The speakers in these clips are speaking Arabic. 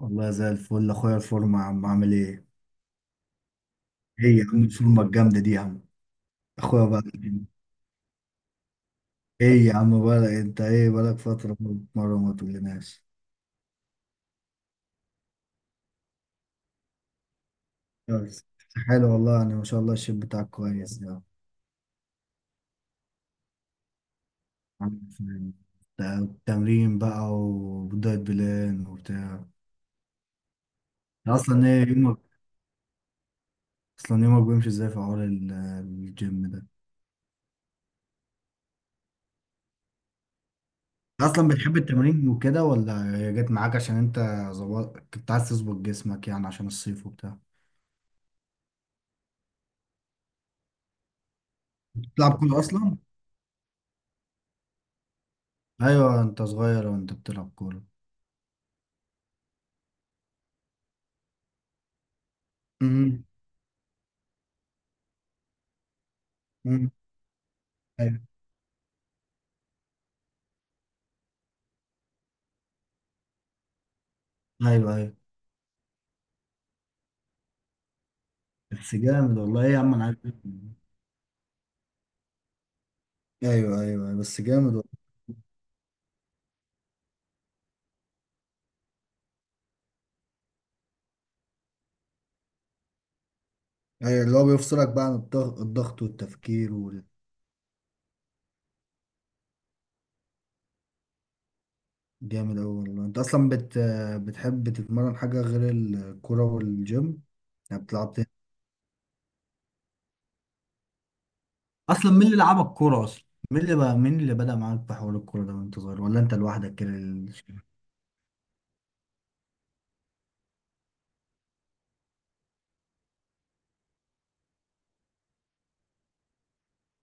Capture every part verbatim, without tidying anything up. والله زي الفل اخويا. الفورمة يا عم، عامل ايه؟ ايه يا عم الفورمة الجامدة دي يا عم؟ اخويا بقى. ايه يا عم، بقى انت ايه بقالك فترة مرة ما تقولناش؟ بس حلو والله، انا ما شاء الله الشيب بتاعك كويس يا عم. فاهم. ت- تمرين بقى ودايت بلان وبتاع. اصلا ايه يومك؟ اصلا يومك بيمشي ازاي في حوار ال- الجيم ده؟ اصلا بتحب التمرين وكده، ولا هي جت معاك عشان انت ظبط، كنت عايز تظبط جسمك يعني عشان الصيف وبتاع؟ بتلعب كورة اصلا؟ ايوه، انت صغير وانت بتلعب كورة. امم امم ايوه ايوه ايوه، بس جامد والله. ايه يا عم، انا عارف. ايوه ايوه أيوة، بس جامد والله. ايوه، اللي هو بيفصلك بقى عن الضغ- الضغط والتفكير وال- جامد اوي والله. انت اصلا بت... بتحب تتمرن حاجة غير الكورة والجيم؟ يعني بتلعب تاني؟ اصلا مين اللي لعبك كورة اصلا؟ مين اللي بقى، مين اللي بدأ معاك في حوار الكورة ده وانت صغير، ولا انت لوحدك كده ال-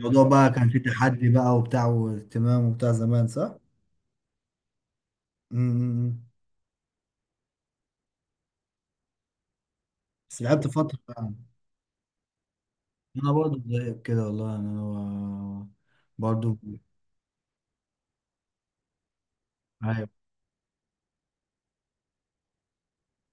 الموضوع بقى كان فيه تحدي بقى وبتاع واهتمام وبتاع زمان، صح؟ امم. بس لعبت فترة يعني؟ انا برضو زيك كده والله، يعني انا و- برضو. ايوه،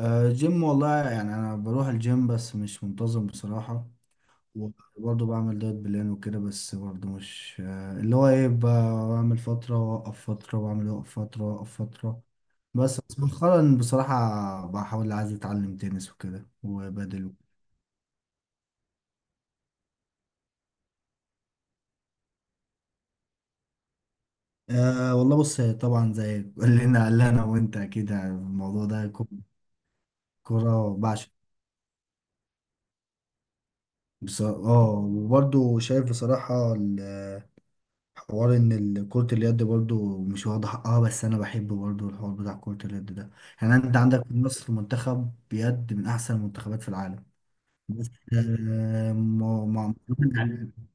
آه، جيم والله، يعني انا بروح الجيم بس مش منتظم بصراحة. وبرضو بعمل دايت بلان وكده، بس برضو مش آه، اللي هو ايه ب- بعمل فترة واوقف فترة، واعمل اوقف فترة واوقف فترة. بس بس مؤخرا بصراحة، بحاول عايز اتعلم تنس وكده وبدل. أه والله بص، طبعا زي كلنا قال انا وانت، اكيد يعني الموضوع ده كورة. بس اه، وبرضه شايف بصراحة ال- حوار ان ال- كرة اليد برضه مش واخدة حقها، بس انا بحب برضه الحوار بتاع كرة اليد ده. يعني انت عندك في مصر منتخب يد من احسن المنتخبات في العالم. بس آه، ما- ما- مظلومين إعلام-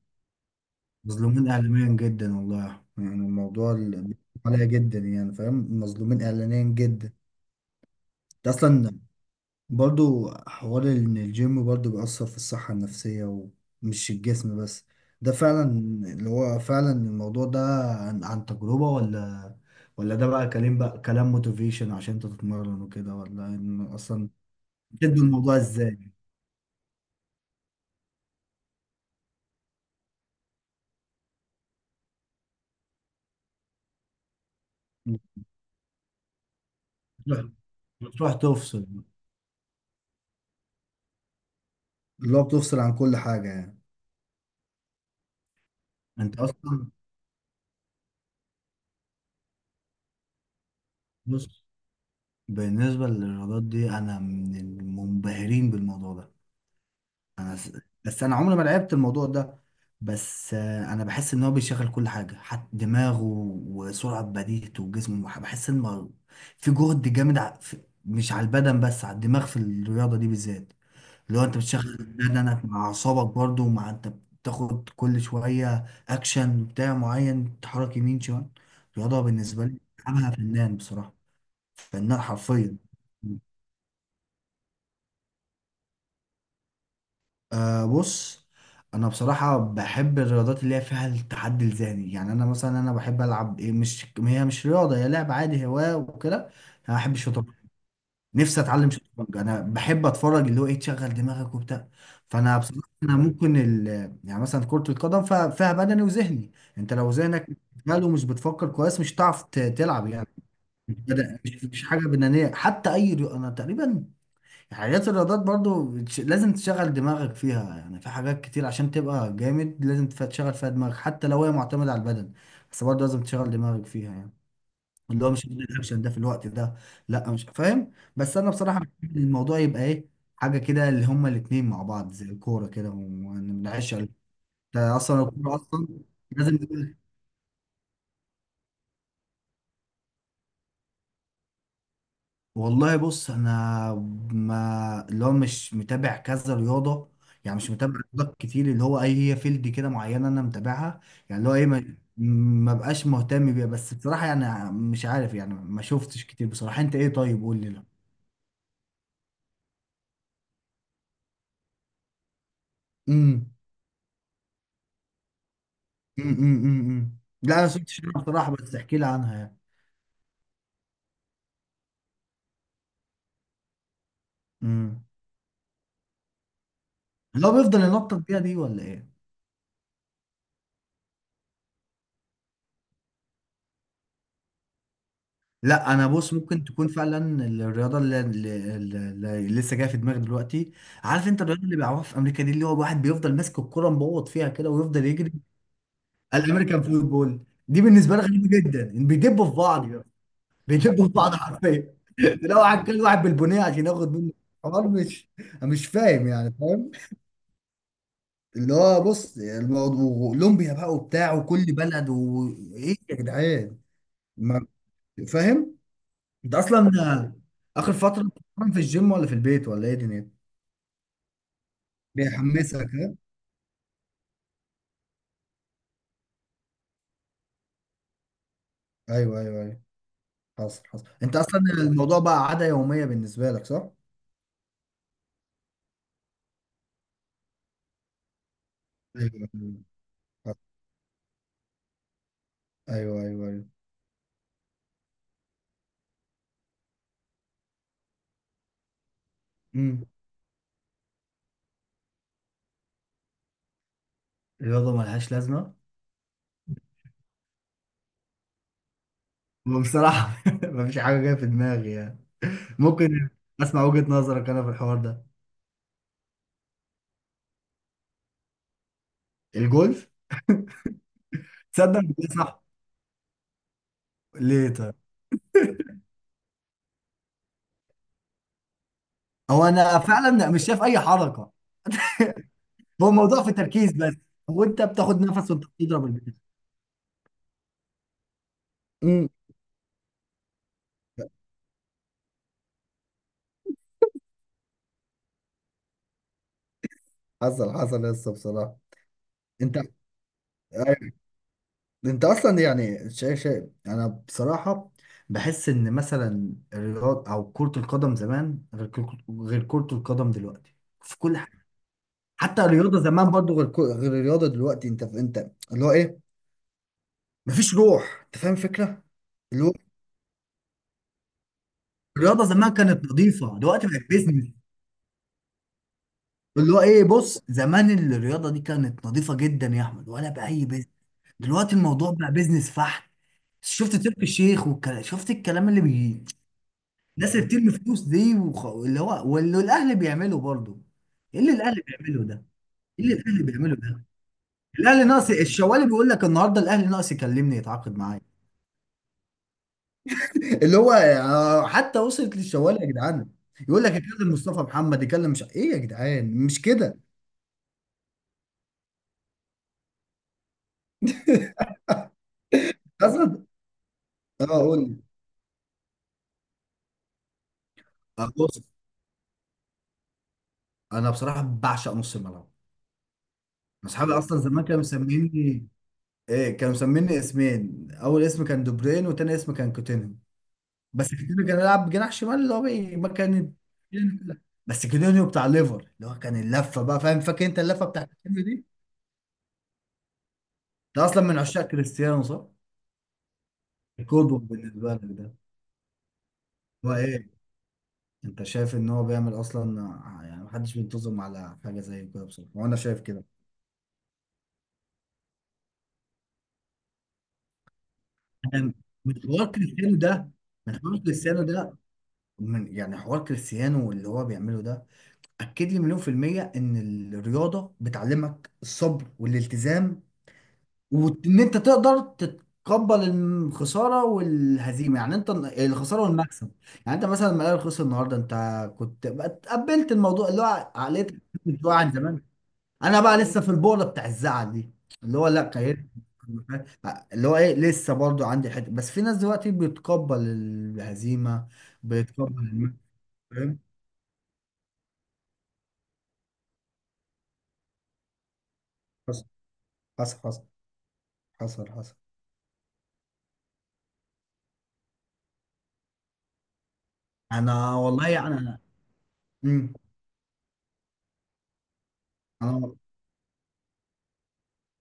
مظلومين اعلاميا جدا والله. يعني الموضوع ال- عليا جدا يعني، فاهم؟ مظلومين اعلاميا جدا. ده اصلا برضو حوار ان الجيم برضو بيأثر في الصحة النفسية ومش الجسم بس. ده فعلا اللي هو فعلا الموضوع ده عن, عن تجربة، ولا، ولا ده بقى كلام، بقى كلام موتيفيشن عشان انت تتمرن وكده، ولا ان اصلا بتدي الموضوع ازاي؟ بتروح، بتروح تفصل، اللي هو بتفصل عن كل حاجة يعني؟ انت اصلا، بص، بالنسبة للرياضات دي، انا من المنبهرين بالموضوع ده. انا س- بس انا عمري ما لعبت الموضوع ده. بس آه، انا بحس ان هو بيشغل كل حاجه، حتى دماغه وسرعه بديهته وجسمه. بح- بحس ان ما- في جهد جامد ع- في- مش على البدن بس، على الدماغ في الرياضه دي بالذات. اللي هو انت بتشغل بدنك مع اعصابك برضه، ومع انت بتاخد كل شويه اكشن بتاع معين، تحرك يمين شمال. الرياضه بالنسبه لي بلعبها فنان بصراحه، فنان حرفيا. أه بص، انا بصراحه بحب الرياضات اللي هي فيها التحدي الذهني. يعني انا مثلا، انا بحب العب ايه، مش هي مش رياضه، هي لعب عادي، هوايه وكده. انا بحب الشطرنج. نفسي اتعلم شطرنج. انا بحب اتفرج، اللي هو ايه، تشغل دماغك وبتاع. فانا بصراحه انا ممكن ال... يعني مثلا كره القدم، فيها فيها بدني وذهني. انت لو ذهنك مشغول ومش بتفكر كويس، مش هتعرف ت- تلعب يعني. مش بدأ- مش مش حاجه بدنيه، حتى اي رياضه انا تقريبا. حاجات الرياضات برضو بتش... لازم تشغل دماغك فيها يعني. في حاجات كتير عشان تبقى جامد لازم تف- تشغل فيها دماغك، حتى لو هي معتمدة على البدن، بس برضو لازم تشغل دماغك فيها يعني. اللي هو مش هعمل الاكشن ده في الوقت ده. لا مش فاهم، بس انا بصراحة بحب الموضوع يبقى ايه، حاجة كده اللي هما الاتنين مع بعض، زي الكورة كده، وما نعيش على- ده اصلا الكورة اصلا لازم. والله بص، انا ما اللي هو مش متابع كذا رياضه. يعني مش متابع رياضات كتير، اللي هو اي هي فيلد كده معينه انا متابعها. يعني اللي هو ايه، ما ما بقاش مهتم بيها. بس بصراحه يعني مش عارف، يعني ما شفتش كتير بصراحه. انت ايه؟ طيب قول لي لا. امم امم امم أمم. لا انا شفتش بصراحه، بس احكي لي عنها يعني. امم. اللي هو بيفضل ينطط بيها دي، ولا ايه؟ لا انا بص، ممكن تكون فعلا الرياضه اللي, اللي, اللي لسه جايه في دماغي دلوقتي. عارف انت الرياضه اللي بيلعبوها في امريكا دي، اللي هو الواحد بيفضل ماسك الكره مبوط فيها كده ويفضل يجري؟ الامريكان فوتبول دي بالنسبه لي غريبه جدا، إن بيدبوا في بعض يعني. بيدبوا في بعض حرفيا. تلاقي واحد، كل واحد بالبنيه عشان ياخد منه. الحوار مش، أنا مش فاهم يعني، فاهم؟ اللي هو بص الموضوع اولمبيا بقى وبتاع، وكل بلد وايه يا جدعان. ما- فاهم. انت اصلا اخر فتره بتتمرن في الجيم ولا في البيت، ولا ايه دنيتك؟ بيحمسك ها. ايوه ايوه ايوه، حصل حصل. انت اصلا الموضوع بقى عاده يوميه بالنسبه لك، صح؟ ايوه ايوه ايوه ايوه. ايوه. امم. الرياضه ملهاش لازمه؟ هو بصراحه مفيش حاجه جايه في دماغي يعني. ممكن اسمع وجهه نظرك انا في الحوار ده. الجولف؟ تصدق إن ده صح؟ ليه طيب؟ هو انا فعلا مش شايف اي حركه. هو الموضوع في تركيز بس، وانت بتاخد نفس وانت بتضرب. البيت. حصل حصل. لسه بصراحة انت أيوة. انت اصلا يعني شايف، شايف انا بصراحة بحس ان مثلا الرياضة او كرة القدم زمان غير كرة- غير كرة القدم دلوقتي، في كل حاجة. حتى الرياضة زمان برضو غير كو- غير الرياضة دلوقتي. انت، انت اللي هو ايه، مفيش روح، انت فاهم الفكرة؟ اللي هو الرياضة زمان كانت نظيفة، دلوقتي بقت بيزنس. اللي هو ايه بص، زمان الرياضة دي كانت نظيفة جدا يا احمد، ولا بأي. دلوقتي الموضوع بقى بيزنس بحت. شفت تركي الشيخ والك... شفت الكلام اللي بي الناس اللي بترمي فلوس دي وخ... اللي هو واللي الاهلي بيعمله برضه. ايه اللي الاهلي بيعمله ده؟ ايه اللي الاهلي بيعمله ده؟ الاهلي ناقص الشوالي، بيقول لك النهارده الاهلي ناقص يكلمني يتعاقد معايا. اللي هو آه، حتى وصلت للشوالي يا جدعان. يقول لك يكلم مصطفى محمد، يكلم مش ايه يا جدعان، مش كده. قصد. اه قول لي. آه، بص، انا بصراحه بعشق نص الملعب. اصحابي اصلا زمان كانوا مسميني، ايه، كانوا مسميني اسمين. اول اسم كان دوبرين، وتاني اسم كان كوتينيو. بس كوتينيو كان يلعب جناح شمال، اللي هو بي- ما كان. بس كوتينيو بتاع ليفر اللي هو كان اللفه بقى، فاهم؟ فاكر انت اللفه بتاع كوتينيو دي؟ ده اصلا من عشاق كريستيانو، صح؟ القدوه بالنسبه لك ده. هو ايه، انت شايف ان هو بيعمل اصلا ع- يعني محدش بينتظم على حاجه زي كده بصراحه، وانا شايف كده. يعني من حوار كريستيانو ده، من حوار كريستيانو ده، من يعني حوار كريستيانو اللي هو بيعمله ده، اكد لي مليون في المية ان الرياضة بتعلمك الصبر والالتزام، وان انت تقدر تتقبل الخسارة والهزيمة. يعني انت الخسارة والمكسب. يعني انت مثلا لما الاهلي خسر النهاردة، انت كنت تقبلت الموضوع، اللي هو عقليتك كنت واعي عن زمان. انا بقى لسه في البؤرة بتاع الزعل دي، اللي هو لا كيت، اللي هو ايه لسه برضو عندي حته. بس في ناس دلوقتي بتقبل الهزيمة، بيتقبل المكسب، فاهم؟ حصل حصل. حصل حصل حصل. انا والله يعني انا، امم، انا،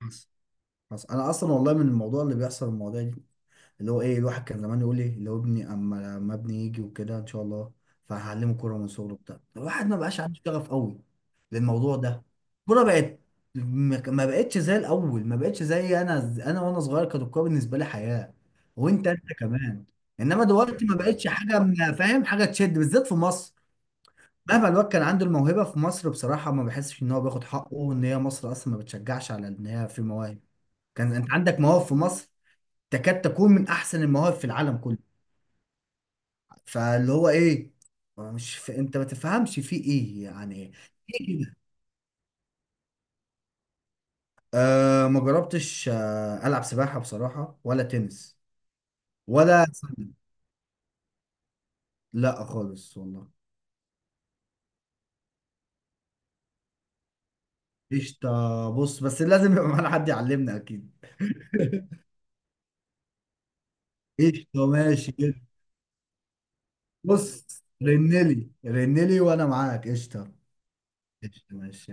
بس، بس انا اصلا والله من الموضوع اللي بيحصل، المواضيع دي، اللي هو ايه، الواحد كان زمان يقول لي اللي هو ابني، اما لما ابني يجي وكده ان شاء الله، فهعلمه كوره من صغره بتاع الواحد ما بقاش عنده شغف قوي للموضوع ده. الكوره بقت، ما ما بقتش زي الاول. ما بقتش زي انا، انا وانا صغير كانت الكوره بالنسبه لي حياه. وانت، انت كمان. انما دلوقتي ما بقتش حاجه من- فاهم، حاجه تشد، بالذات في مصر. مهما الواد كان عنده الموهبة في مصر، بصراحة ما بحسش إن هو بياخد حقه، وإن هي مصر أصلا ما بتشجعش على إن هي في مواهب. كان أنت عندك مواهب في مصر تكاد تكون من أحسن المواهب في العالم كله. فاللي هو إيه، هو مش ف... أنت ما تفهمش في إيه يعني. إيه كده؟ آه ما جربتش، آه ألعب سباحة بصراحة ولا تنس. ولا، لا خالص والله. قشطة، بص، بس لازم يبقى معانا حد يعلمنا أكيد. قشطة، ماشي كده. بص، رنلي رنلي، وانا معاك. قشطة. قشطة، ماشي.